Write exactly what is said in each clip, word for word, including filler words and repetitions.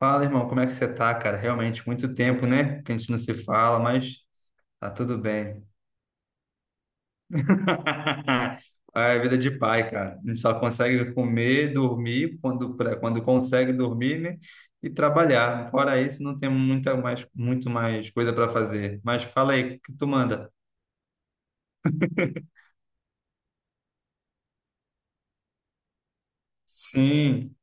Fala, irmão, como é que você tá, cara? Realmente, muito tempo, né? Que a gente não se fala, mas tá tudo bem. É vida de pai, cara. A gente só consegue comer, dormir, quando, quando consegue dormir, né? E trabalhar. Fora isso, não tem muita mais, muito mais coisa para fazer. Mas fala aí, o que tu manda? Sim,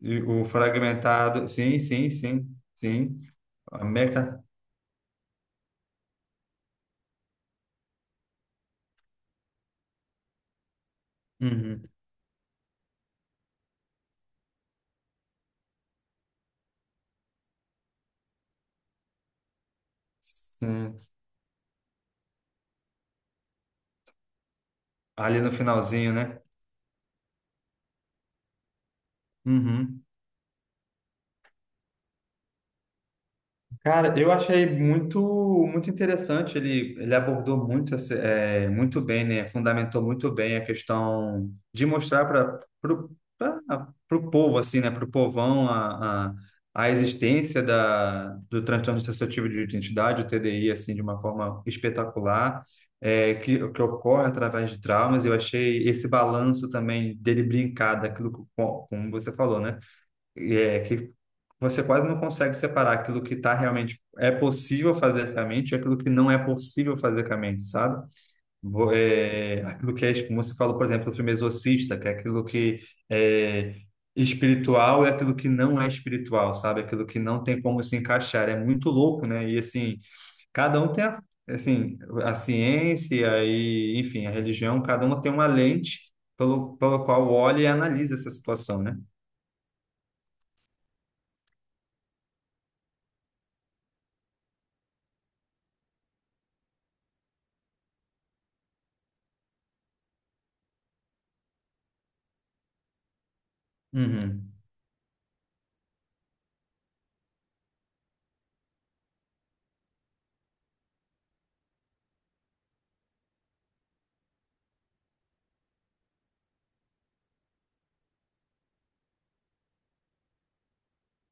e o fragmentado. Sim, sim, sim, sim. A Meca. Uhum. Sim. Ali no finalzinho, né? Uhum. Cara, eu achei muito muito interessante. Ele, ele abordou muito, esse- é, muito bem, né? Fundamentou muito bem a questão de mostrar para o povo, assim, né? Para o povão a, a, a existência da, do transtorno dissociativo de identidade, o T D I, assim, de uma forma espetacular, é, que, que ocorre através de traumas. Eu achei esse balanço também dele brincar daquilo, que- como você falou, né? Você quase não consegue separar aquilo que tá realmente é possível fazer com a mente e aquilo que não é possível fazer com a mente, sabe? Vo- É, aquilo que é, como você falou, por exemplo, do filme Exorcista, que é aquilo que é espiritual e aquilo que não é espiritual, sabe? Aquilo que não tem como se encaixar. É muito louco, né? E assim, cada um tem a, assim, a ciência e, enfim, a religião, cada uma tem uma lente pelo, pelo qual olha e analisa essa situação, né? Uhum.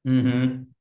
Uhum.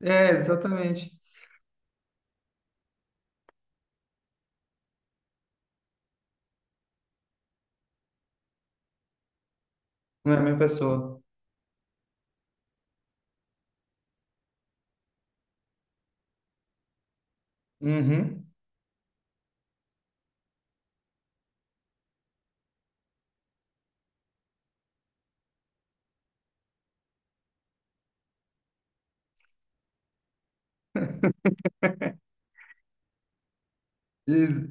É, exatamente. Não é a mesma pessoa. Uhum. E,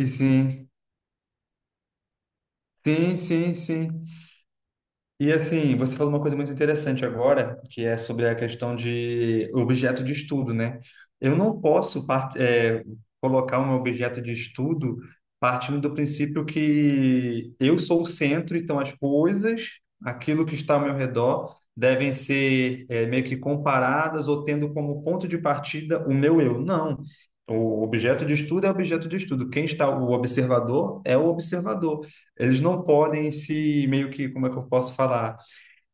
e sim. Sim, sim, sim. E assim, você falou uma coisa muito interessante agora, que é sobre a questão de objeto de estudo, né? Eu não posso part- eh, colocar um objeto de estudo partindo do princípio que eu sou o centro, então as coisas, aquilo que está ao meu redor, devem ser eh, meio que comparadas ou tendo como ponto de partida o meu eu. Não. O objeto de estudo é objeto de estudo. Quem está, o observador é o observador, eles não podem se meio que, como é que eu posso falar?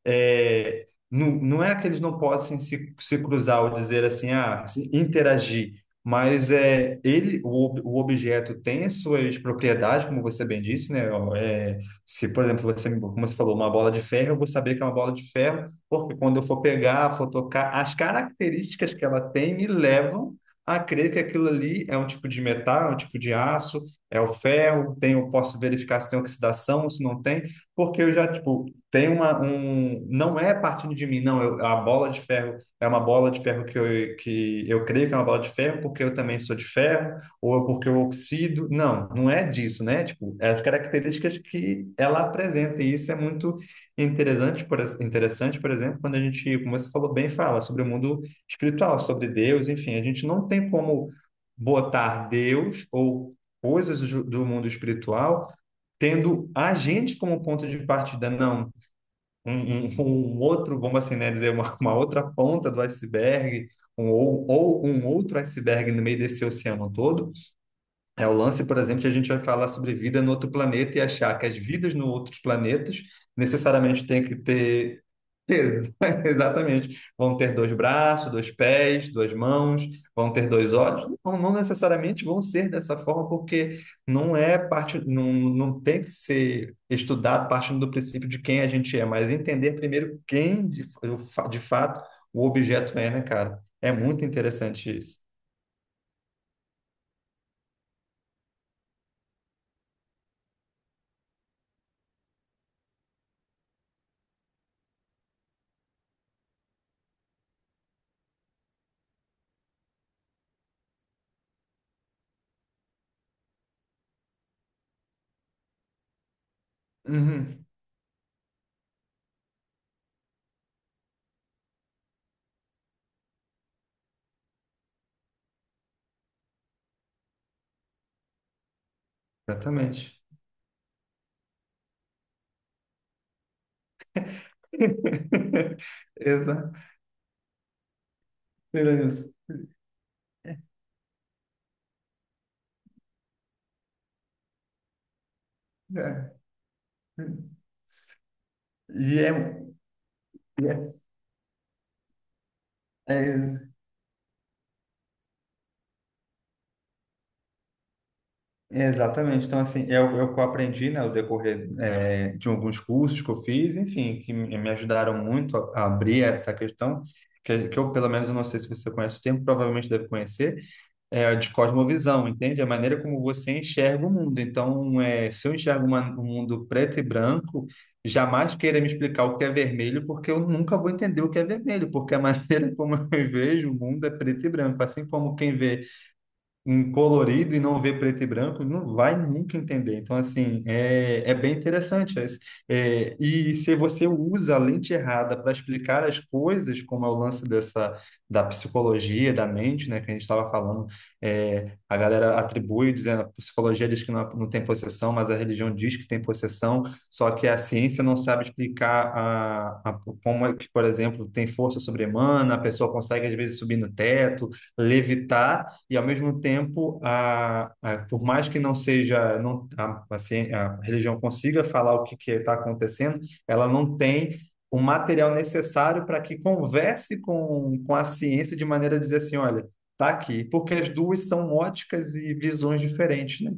É, não, não é que eles não possam se, se cruzar ou dizer assim, ah, se interagir, mas é, ele, o, ob- o objeto tem as suas propriedades, como você bem disse, né? Ó, é, se, por exemplo, você, como você falou, uma bola de ferro, eu vou saber que é uma bola de ferro, porque quando eu for pegar, for tocar, as características que ela tem me levam a crer que aquilo ali é um tipo de metal, é um tipo de aço, é o ferro, tem, eu posso verificar se tem oxidação, se não tem, porque eu já, tipo, tem uma, um, não é partindo de mim, não. Eu, a bola de ferro é uma bola de ferro que eu, que eu creio que é uma bola de ferro porque eu também sou de ferro, ou é porque eu oxido. Não, não é disso, né? Tipo, é as características que ela apresenta. E isso é muito interessante, por, ex- interessante, por exemplo, quando a gente, como você falou bem, fala sobre o mundo espiritual, sobre Deus, enfim. A gente não tem como botar Deus ou coisas do do mundo espiritual tendo a gente como ponto de partida. Não, um, um- um outro, vamos assim, né, dizer, uma, uma outra ponta do iceberg, um, ou, ou um outro iceberg no meio desse oceano todo. É o lance, por exemplo, que a gente vai falar sobre vida no outro planeta e achar que as vidas no outros planetas necessariamente têm que ter Ex- Exatamente. Vão ter dois braços, dois pés, duas mãos, vão ter dois olhos. Não, não necessariamente vão ser dessa forma, porque não é parte, não, não tem que ser estudado partindo do princípio de quem a gente é, mas entender primeiro quem de, fa- de fato o objeto é, né, cara? É muito interessante isso. Uhum, exatamente. Exato. Era isso. É. E é, e é, é Exatamente. Então, assim, é o é o que eu aprendi, né, ao decorrer é, de alguns cursos que eu fiz, enfim, que me me ajudaram muito a, a abrir essa questão, que, que eu, pelo menos, eu não sei se você conhece o termo, provavelmente deve conhecer, é a de cosmovisão, entende? A maneira como você enxerga o mundo. Então, é, se eu enxergo uma- um mundo preto e branco, jamais queira me explicar o que é vermelho, porque eu nunca vou entender o que é vermelho, porque a maneira como eu vejo o mundo é preto e branco, assim como quem vê em colorido e não ver preto e branco, não vai nunca entender. Então, assim, é, é bem interessante. É, é, e se você usa a lente errada para explicar as coisas, como é o lance dessa, da psicologia, da mente, né, que a gente estava falando, é, a galera atribui, dizendo, a psicologia diz que não, não tem possessão, mas a religião diz que tem possessão, só que a ciência não sabe explicar a, a, como é que, por exemplo, tem força sobre-humana, a pessoa consegue, às vezes, subir no teto, levitar, e ao mesmo tempo, a, a, por mais que não seja, não, a, a, ci- a religião consiga falar o que está acontecendo, ela não tem o material necessário para que converse com, com a ciência de maneira a dizer assim, olha, tá aqui, porque as duas são óticas e visões diferentes, né?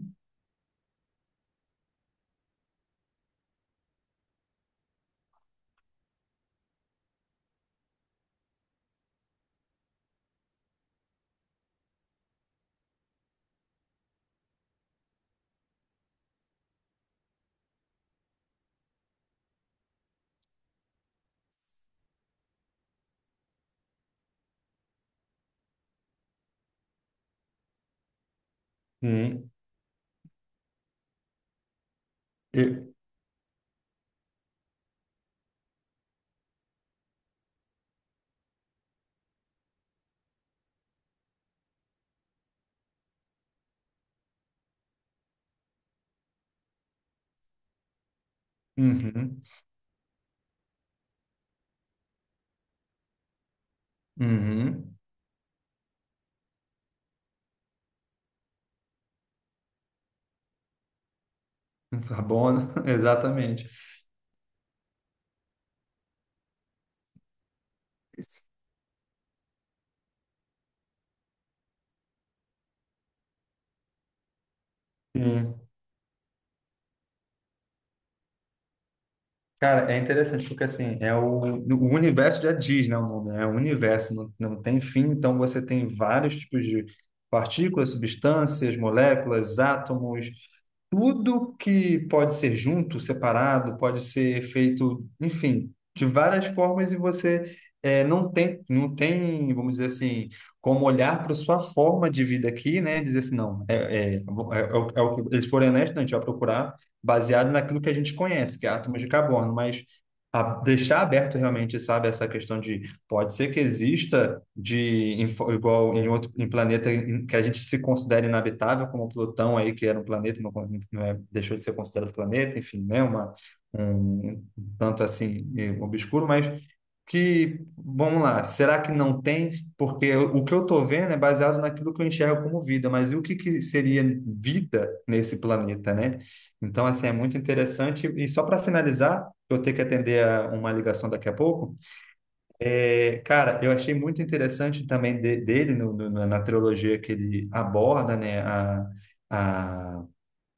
Sim. E- Uhum, uhum. Carbono, exatamente. Cara, é interessante porque assim, é o, o universo já diz, né, o nome, né? É o universo, não, não tem fim, então você tem vários tipos de partículas, substâncias, moléculas, átomos, tudo que pode ser junto, separado, pode ser feito, enfim, de várias formas e você eh, não tem, não tem, vamos dizer assim, como olhar para sua forma de vida aqui, né? E dizer assim, não, é, é, é, o- é o é o que eles forem honestos, né, a gente vai procurar baseado naquilo que a gente conhece, que é átomos de carbono, mas a- deixar aberto realmente, sabe, essa questão de pode ser que exista de em fo- igual em outro em planeta em- que a gente se considere inabitável, como Plutão aí que era um planeta não, con- não é, deixou de ser considerado planeta, enfim, né, uma um um tanto assim eh, obscuro, mas que vamos lá, será que não tem? Porque eu- o que eu estou vendo é baseado naquilo que eu enxergo como vida, mas e o que que seria vida nesse planeta, né? Então assim é muito interessante e só para finalizar, eu tenho que atender a uma ligação daqui a pouco. É, cara, eu achei muito interessante também de- dele no- no- na na trilogia que ele aborda, né, a, a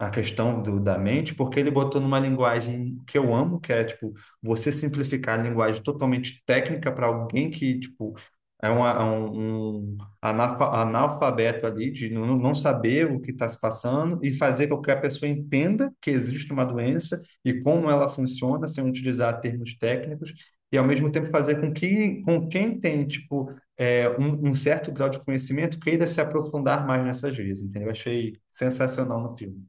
a questão do, da mente, porque ele botou numa linguagem que eu amo, que é tipo você simplificar a linguagem totalmente técnica para alguém que tipo é, uma, é um, um analfa- analfabeto ali de não, não saber o que está se passando e fazer com que a pessoa entenda que existe uma doença e como ela funciona sem utilizar termos técnicos e ao mesmo tempo fazer com que com quem tem tipo é, um, um certo grau de conhecimento queira se aprofundar mais nessas vias, entendeu? Eu achei sensacional no filme.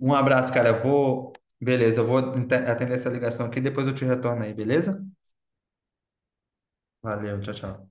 Um abraço, cara. Eu vou. Beleza, eu vou ente- atender essa ligação aqui, depois eu te retorno aí, beleza? Valeu, tchau, tchau.